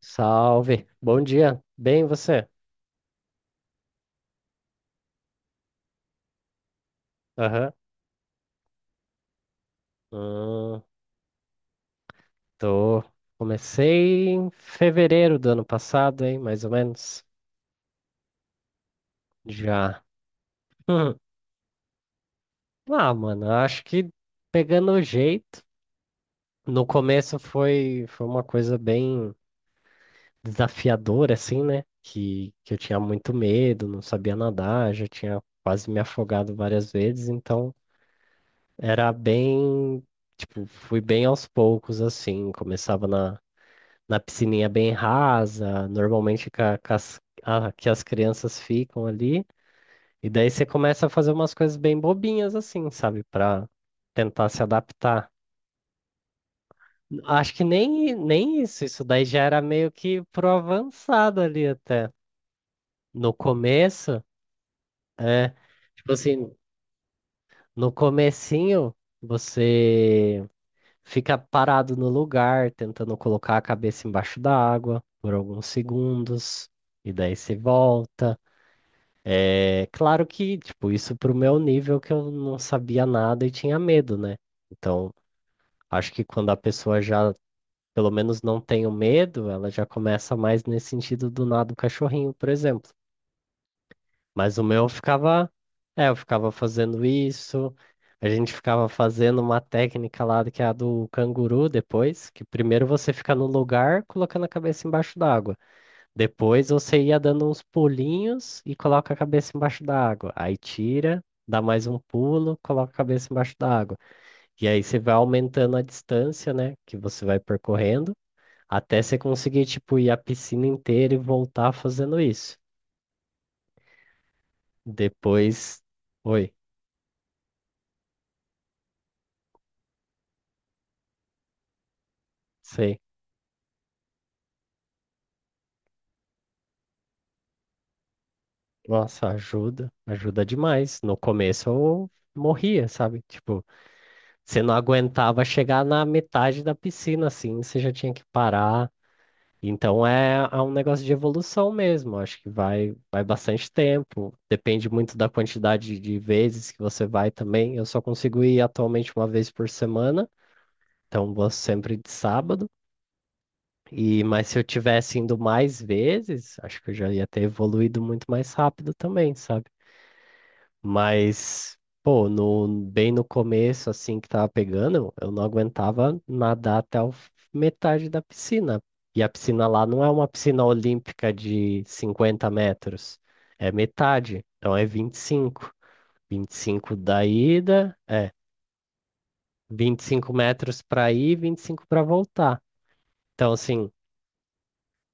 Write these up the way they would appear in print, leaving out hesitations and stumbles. Salve, bom dia. Bem, você? Aham. Hum, Tô. Comecei em fevereiro do ano passado, hein? Mais ou menos. Já. Hum. Ah, mano, eu acho que pegando o jeito. No começo foi uma coisa bem desafiadora, assim, né? Que eu tinha muito medo, não sabia nadar, já tinha quase me afogado várias vezes, então era bem. Tipo, fui bem aos poucos, assim. Começava na piscininha bem rasa, normalmente que, a- que as crianças ficam ali. E daí você começa a fazer umas coisas bem bobinhas assim, sabe? Pra tentar se adaptar. Acho que nem isso daí já era meio que pro avançado ali até. No começo, é, tipo assim, no comecinho você fica parado no lugar, tentando colocar a cabeça embaixo da água por alguns segundos, e daí você volta. É claro que, tipo, isso pro meu nível que eu não sabia nada e tinha medo, né? Então, acho que quando a pessoa já, pelo menos, não tem o medo, ela já começa mais nesse sentido do nada do cachorrinho, por exemplo. Mas o meu ficava, eu ficava fazendo isso, a gente ficava fazendo uma técnica lá que é a do canguru depois, que primeiro você fica no lugar colocando a cabeça embaixo d'água. Depois você ia dando uns pulinhos e coloca a cabeça embaixo da água. Aí tira, dá mais um pulo, coloca a cabeça embaixo da água. E aí você vai aumentando a distância, né, que você vai percorrendo, até você conseguir, tipo, ir a piscina inteira e voltar fazendo isso. Depois, oi, sei. Nossa, ajuda, ajuda demais. No começo eu morria, sabe? Tipo, você não aguentava chegar na metade da piscina, assim, você já tinha que parar. Então é, é um negócio de evolução mesmo. Acho que vai bastante tempo. Depende muito da quantidade de vezes que você vai também. Eu só consigo ir atualmente uma vez por semana, então vou sempre de sábado. E mas se eu tivesse indo mais vezes, acho que eu já ia ter evoluído muito mais rápido também, sabe? Mas, pô, no, bem no começo, assim, que tava pegando, eu não aguentava nadar até o metade da piscina. E a piscina lá não é uma piscina olímpica de 50 metros, é metade, então é 25, 25 da ida, 25 metros para ir, 25 para voltar. Então, assim,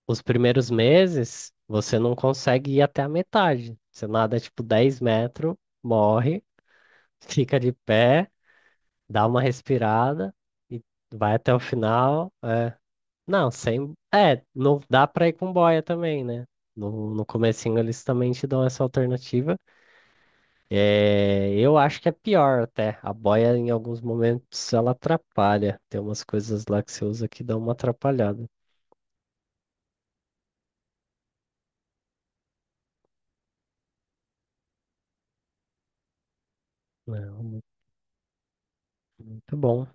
os primeiros meses, você não consegue ir até a metade. Você nada, tipo, 10 metros, morre, fica de pé, dá uma respirada e vai até o final. É. Não, sem. É, não dá pra ir com boia também, né? No comecinho eles também te dão essa alternativa. É, eu acho que é pior até. A boia, em alguns momentos, ela atrapalha. Tem umas coisas lá que você usa que dão uma atrapalhada. Não, muito bom.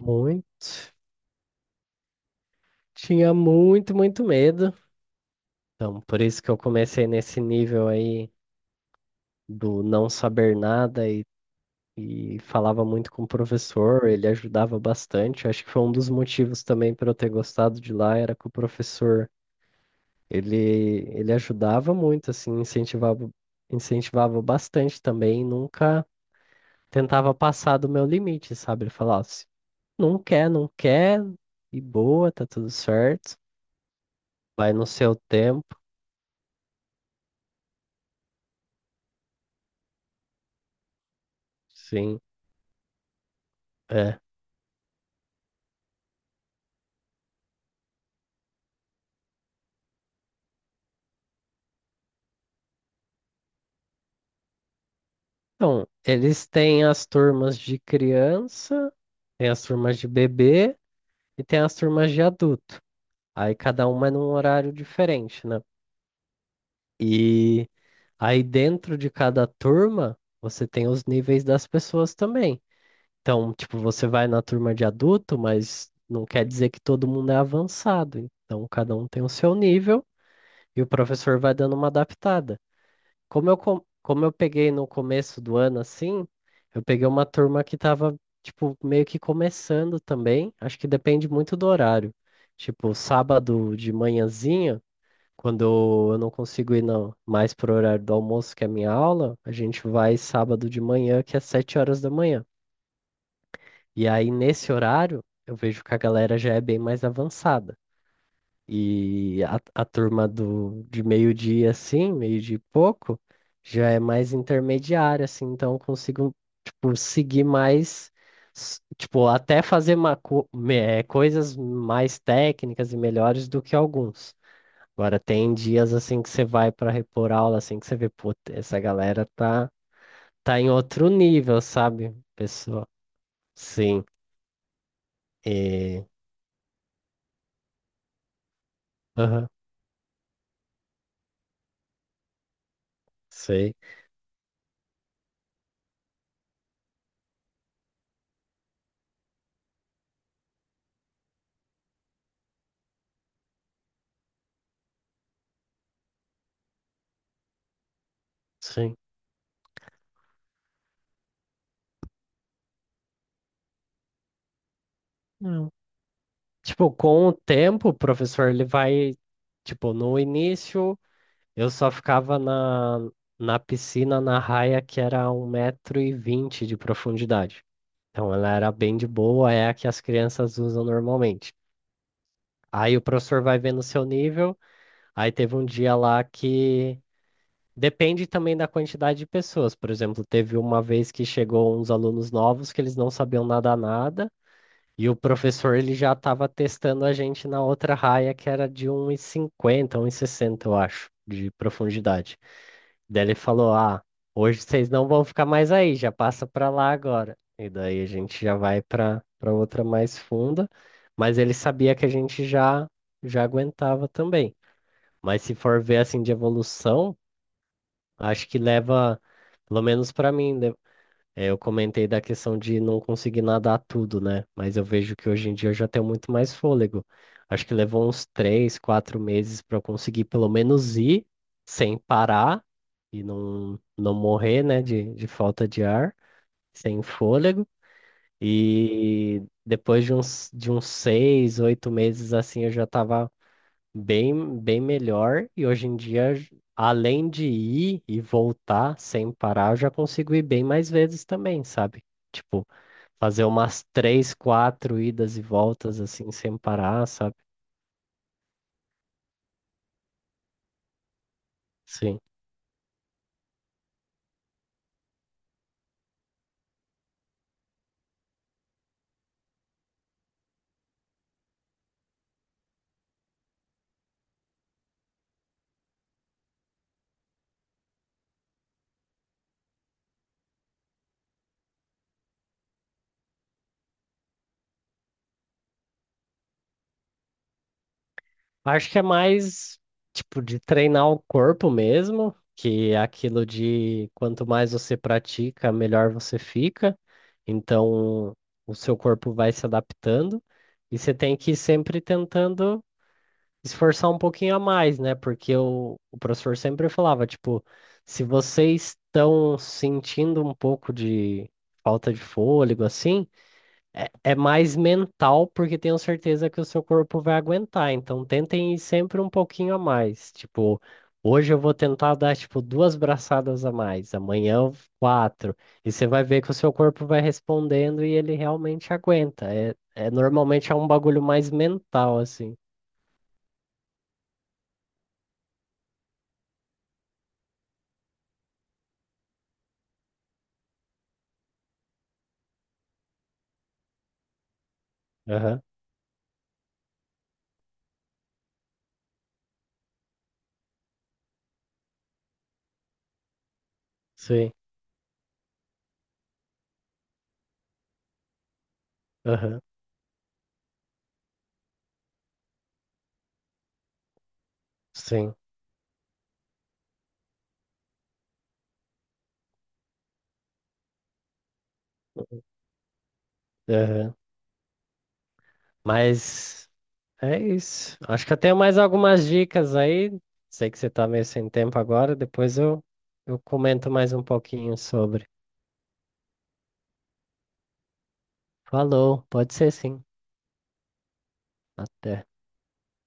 Muito. Tinha muito, muito medo. Então, por isso que eu comecei nesse nível aí do não saber nada e falava muito com o professor, ele ajudava bastante. Acho que foi um dos motivos também para eu ter gostado de lá, era que o professor, ele, ele ajudava muito, assim, incentivava, incentivava bastante também, nunca tentava passar do meu limite, sabe? Ele falava assim, não quer, não quer, e boa, tá tudo certo, vai no seu tempo, sim, é. Então, eles têm as turmas de criança, tem as turmas de bebê e tem as turmas de adulto. Aí cada uma é num horário diferente, né? E aí dentro de cada turma, você tem os níveis das pessoas também. Então, tipo, você vai na turma de adulto, mas não quer dizer que todo mundo é avançado. Então, cada um tem o seu nível e o professor vai dando uma adaptada. Como eu, como eu peguei no começo do ano assim, eu peguei uma turma que tava, tipo, meio que começando também. Acho que depende muito do horário. Tipo, sábado de manhãzinha. Quando eu não consigo ir, não, mais pro horário do almoço, que é a minha aula, a gente vai sábado de manhã, que é 7 horas da manhã. E aí, nesse horário, eu vejo que a galera já é bem mais avançada. E a turma de meio-dia, assim, meio-dia e pouco, já é mais intermediária, assim, então eu consigo, tipo, seguir mais, tipo, até fazer uma, co- me- eh, coisas mais técnicas e melhores do que alguns. Agora tem dias assim que você vai para repor aula, assim que você vê, pô, essa galera tá, tá em outro nível, sabe? Pessoa. Sim. E... Aham, sei. Sim. Não. Tipo, com o tempo, o professor, ele vai. Tipo, no início, eu só ficava na piscina, na raia, que era 1,20 m de profundidade. Então, ela era bem de boa, é a que as crianças usam normalmente. Aí o professor vai vendo o seu nível. Aí teve um dia lá que depende também da quantidade de pessoas. Por exemplo, teve uma vez que chegou uns alunos novos que eles não sabiam nada nada, e o professor ele já estava testando a gente na outra raia que era de 1,50, 1,60 eu acho, de profundidade. Daí ele falou: "Ah, hoje vocês não vão ficar mais aí, já passa para lá agora". E daí a gente já vai para outra mais funda, mas ele sabia que a gente já aguentava também. Mas se for ver assim de evolução, acho que leva, pelo menos pra mim, eu comentei da questão de não conseguir nadar tudo, né? Mas eu vejo que hoje em dia eu já tenho muito mais fôlego. Acho que levou uns 3, 4 meses pra eu conseguir pelo menos ir sem parar e não, não morrer, né, de falta de ar, sem fôlego. E depois de uns 6, 8 meses assim, eu já estava bem, bem melhor. E hoje em dia, além de ir e voltar sem parar, eu já consigo ir bem mais vezes também, sabe? Tipo, fazer umas três, quatro idas e voltas assim, sem parar, sabe? Sim. Acho que é mais, tipo, de treinar o corpo mesmo, que é aquilo de quanto mais você pratica, melhor você fica. Então, o seu corpo vai se adaptando. E você tem que ir sempre tentando esforçar um pouquinho a mais, né? Porque o professor sempre falava, tipo, se vocês estão sentindo um pouco de falta de fôlego, assim, é mais mental, porque tenho certeza que o seu corpo vai aguentar. Então, tentem ir sempre um pouquinho a mais. Tipo, hoje eu vou tentar dar, tipo, duas braçadas a mais, amanhã eu- quatro. E você vai ver que o seu corpo vai respondendo e ele realmente aguenta. É, é normalmente é um bagulho mais mental, assim. Aham, sim. Aham, sim. Aham. Mas é isso. Acho que eu tenho mais algumas dicas aí. Sei que você tá meio sem tempo agora, depois eu comento mais um pouquinho sobre. Falou, pode ser sim. Até.